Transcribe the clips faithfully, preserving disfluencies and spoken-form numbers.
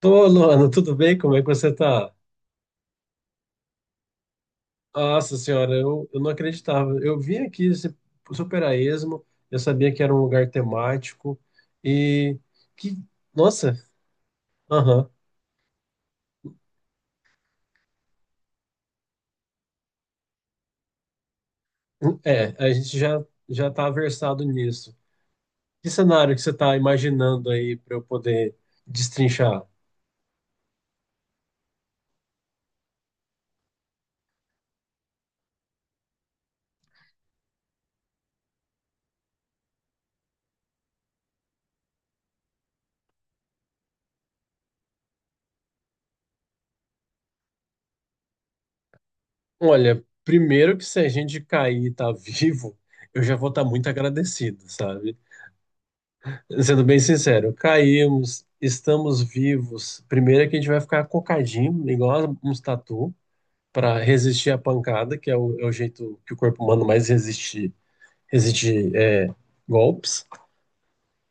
Tô, Luana, tudo bem? Como é que você tá? Nossa senhora, eu, eu não acreditava. Eu vim aqui esse super a esmo, eu sabia que era um lugar temático e que, nossa, aham. hum, É, a gente já já tá versado nisso. Que cenário que você tá imaginando aí para eu poder destrinchar? Olha, primeiro que se a gente cair e tá vivo, eu já vou estar muito agradecido, sabe? Sendo bem sincero, caímos, estamos vivos. Primeiro é que a gente vai ficar cocadinho, igual uns tatu, para resistir à pancada, que é o, é o jeito que o corpo humano mais resiste, resiste é, golpes.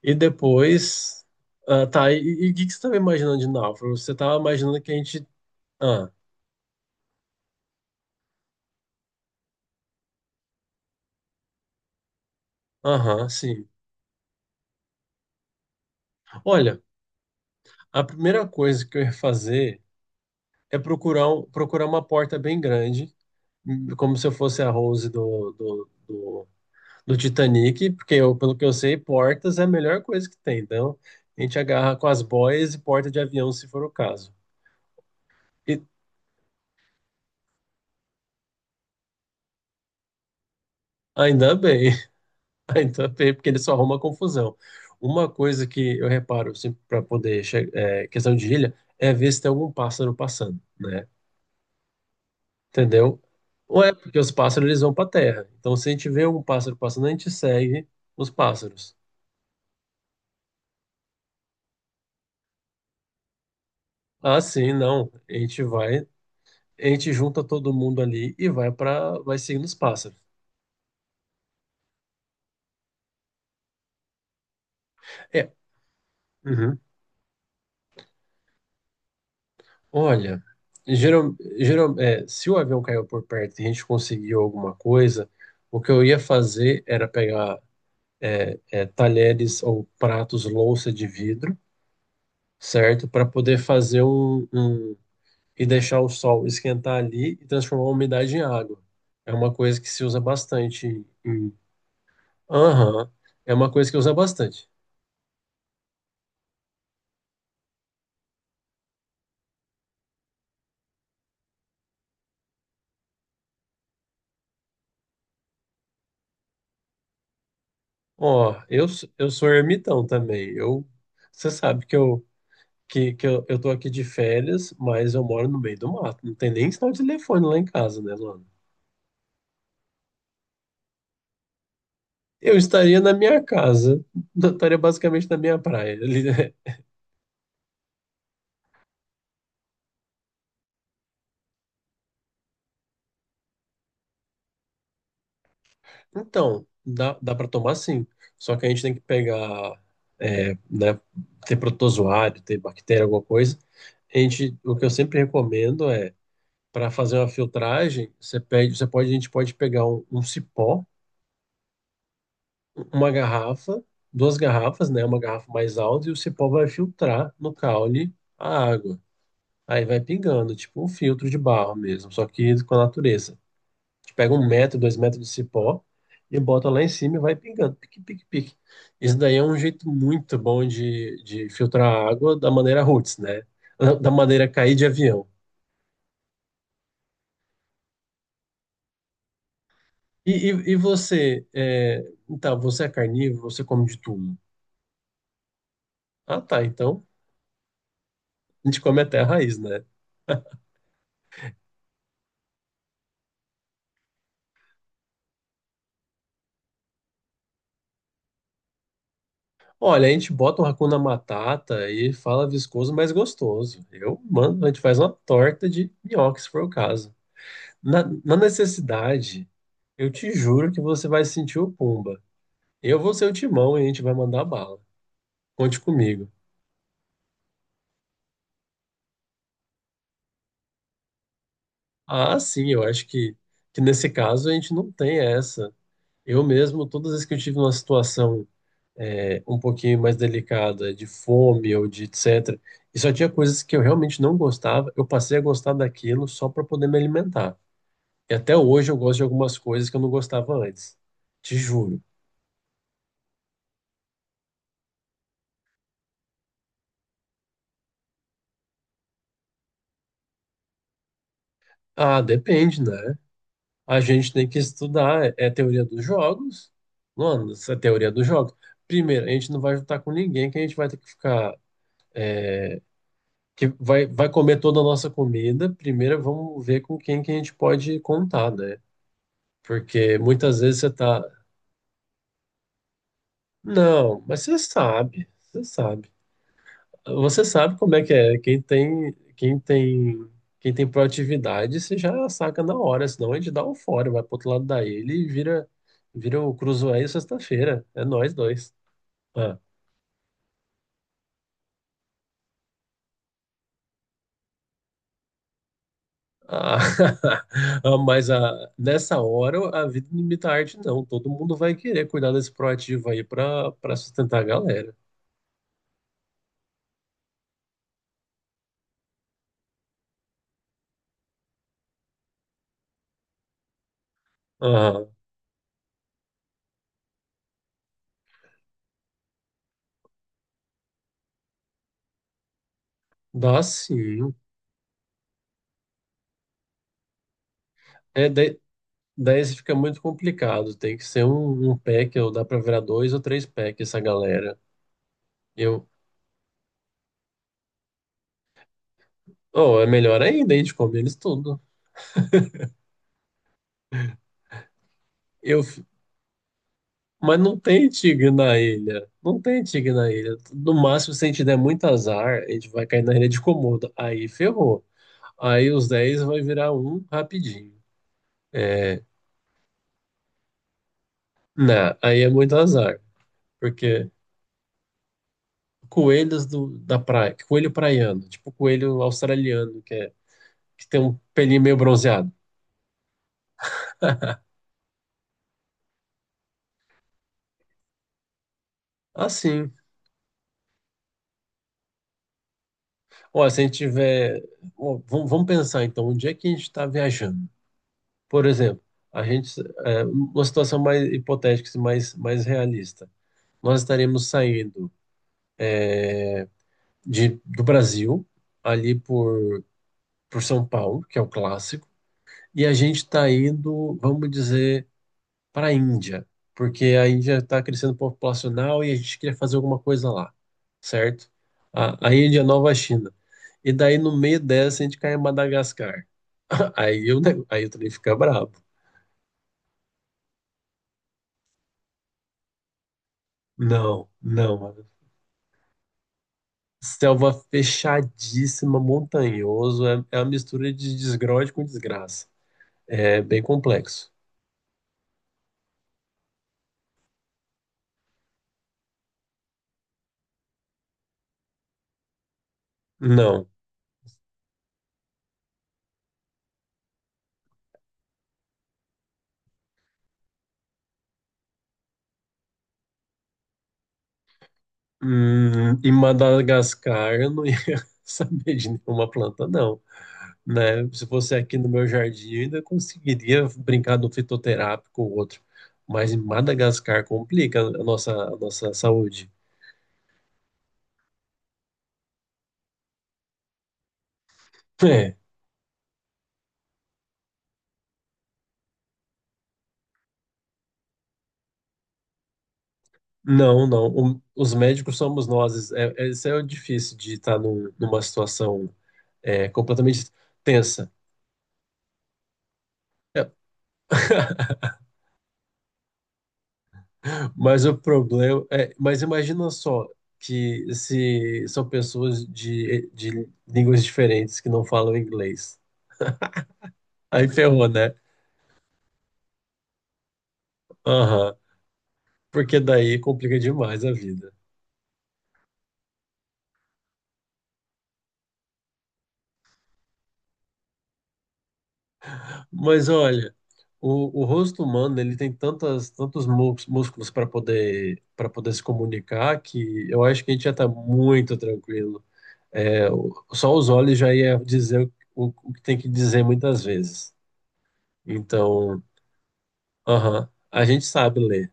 E depois, ah, tá, e e o que, que você estava imaginando de náufrago? Você estava imaginando que a gente... Ah, aham, sim. Olha, a primeira coisa que eu ia fazer é procurar, um- procurar uma porta bem grande, como se eu fosse a Rose do, do do do Titanic, porque eu, pelo que eu sei, portas é a melhor coisa que tem. Então, a gente agarra com as boias e porta de avião, se for o caso. E ainda bem, ainda bem, porque ele só arruma confusão. Uma coisa que eu reparo, sempre para poder che- é, questão de ilha, é ver se tem algum pássaro passando, né? Entendeu? Ou é porque os pássaros eles vão para terra. Então, se a gente vê algum pássaro passando, a gente segue os pássaros. Ah, sim, não. A gente vai, a gente junta todo mundo ali e vai para, vai seguindo os pássaros. É, uhum. Olha, geral, geral, é, se o avião caiu por perto e a gente conseguiu alguma coisa, o que eu ia fazer era pegar é, talheres ou pratos, louça de vidro, certo? Para poder fazer um, um- e deixar o sol esquentar ali e transformar a umidade em água. É uma coisa que se usa bastante. em- Aham, é uma coisa que usa bastante. Ó, eu, s- eu sou ermitão também. Eu, você sabe que eu. que, que eu, eu tô aqui de férias, mas eu moro no meio do mato. Não tem nem sinal de telefone lá em casa, né, Luana? Eu estaria na minha casa, eu estaria basicamente na minha praia. ali, né? Então, dá, dá para tomar sim. Só que a gente tem que pegar, é, né, ter protozoário, ter bactéria, alguma coisa. A gente, o que eu sempre recomendo é, para fazer uma filtragem, você pede, você pode, a gente pode pegar um, um cipó uma garrafa, duas garrafas, né? Uma garrafa mais alta e o cipó vai filtrar no caule a água. Aí vai pingando, tipo um filtro de barro mesmo, só que com a natureza. A gente pega um metro, dois metros de cipó e bota lá em cima e vai pingando, pique, pique, pique. Isso daí é um jeito muito bom de, de filtrar a água da maneira roots, né? Da da maneira cair de avião. E, e, e você, é, então, você é carnívoro, você come de tudo. Ah, tá, então a gente come até a raiz, né? Olha, a gente bota um Hakuna Matata e fala viscoso, mas gostoso. Eu mando, a gente faz uma torta de nhoque, se for o caso. Na, na necessidade, eu te juro que você vai sentir o Pumba. Eu vou ser o Timão e a gente vai mandar bala. Conte comigo. Ah, sim, eu acho que, que nesse caso a gente não tem essa. Eu mesmo, todas as vezes que eu tive uma situação. é, um pouquinho mais delicada, de fome ou de etcétera. E só tinha coisas que eu realmente não gostava, eu passei a gostar daquilo só para poder me alimentar. E até hoje eu gosto de algumas coisas que eu não gostava antes, te juro. Ah, depende, né? A gente tem que estudar, é a teoria dos jogos. Mano, essa é a teoria dos jogos. Primeiro, a gente não vai juntar com ninguém que a gente vai ter que ficar. Que vai, vai comer toda a nossa comida. Primeiro, vamos ver com quem que a gente pode contar, né? Porque muitas vezes você tá. Não, mas você sabe, você sabe. Você sabe como é que é. Quem tem, quem tem, quem tem proatividade, você já saca na hora, senão a gente dá um fora, vai pro outro lado da ilha e vira, vira o Cruzoé sexta-feira. É nós dois. Ah, ah, ah, mas a nessa hora a vida não imita a arte, não. Todo mundo vai querer cuidar desse proativo aí para para sustentar a galera. Ah, dá sim. É, da- daí isso fica muito complicado. Tem que ser um, um pack, ou dá pra virar dois ou três packs essa galera. Eu, oh, é melhor ainda, a gente come eles tudo. Eu, f- mas não tem tigre na ilha. Não tem tigre na ilha. No máximo, se a gente der muito azar, a gente vai cair na ilha de Komodo. Aí ferrou. Aí os dez vai virar um rapidinho. É, não, aí é muito azar. Porque coelhos do, da praia, coelho praiano, tipo coelho australiano, que, é, que tem um pelinho meio bronzeado. Assim, ó, se a gente tiver. Ó, vamos, vamos pensar então, onde é que a gente está viajando? Por exemplo, a gente. é, uma situação mais hipotética, assim, mais, mais realista. Nós estaremos saindo de, do Brasil, ali por, por São Paulo, que é o clássico, e a gente está indo, vamos dizer. Para a Índia, porque a Índia está crescendo populacional e a gente queria fazer alguma coisa lá, certo? A, a Índia é a nova China. E daí, no meio dessa, a gente cai em Madagascar. Aí eu, aí eu também fica bravo. Não, não, mano. Selva fechadíssima, montanhoso, é, é uma mistura de desgrode com desgraça. É bem complexo. Não. Hum, em Madagascar eu não ia saber de nenhuma planta, não. Né? Se fosse aqui no meu jardim, eu ainda conseguiria brincar do fitoterápico ou outro. Mas em Madagascar complica a nossa, a nossa saúde. É, não, não. O- os médicos somos nós. É, é- isso é o difícil de estar num- numa situação é, completamente tensa. É, Mas o problema é, mas imagina só que se são pessoas de, de línguas diferentes que não falam inglês. Aí ferrou, né? Aham. Porque daí complica demais a vida. Mas olha, o, o rosto humano ele tem tantas, tantos mús- músculos para poder, para poder se comunicar que eu acho que a gente já está muito tranquilo. É, o- só os olhos já ia dizer o, o que tem que dizer muitas vezes. Então, aham, a gente sabe ler,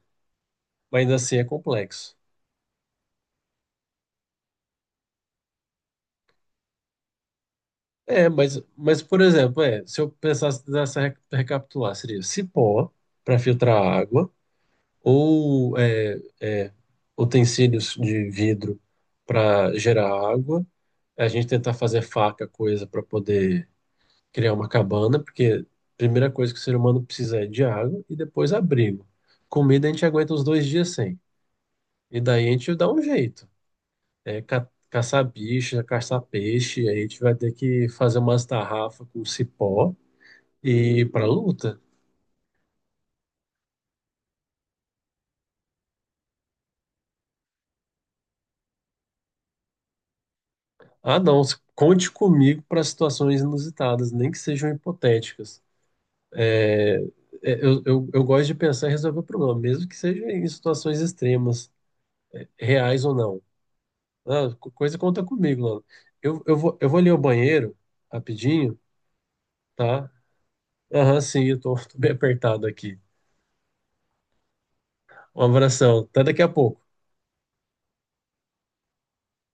mas ainda assim é complexo. É, mas, mas por exemplo, é, se eu pensasse nessa re- recapitular, seria cipó para filtrar água ou é, é, utensílios de vidro para gerar água, a gente tentar fazer faca, coisa para poder criar uma cabana, porque a primeira coisa que o ser humano precisa é de água e depois abrigo. Comida a gente aguenta uns dois dias sem, e daí a gente dá um jeito. É, ca- caçar bicha, caçar peixe, aí a gente vai ter que fazer umas tarrafas com cipó e ir pra luta. Ah, não, conte comigo para situações inusitadas, nem que sejam hipotéticas. É, Eu, eu, eu gosto de pensar em resolver o problema, mesmo que seja em situações extremas, reais ou não. Ah, co- coisa conta comigo, mano. Eu, eu vou, eu vou ali ao banheiro, rapidinho, tá? Aham, sim, eu tô, tô bem apertado aqui. Um abração, até daqui a pouco.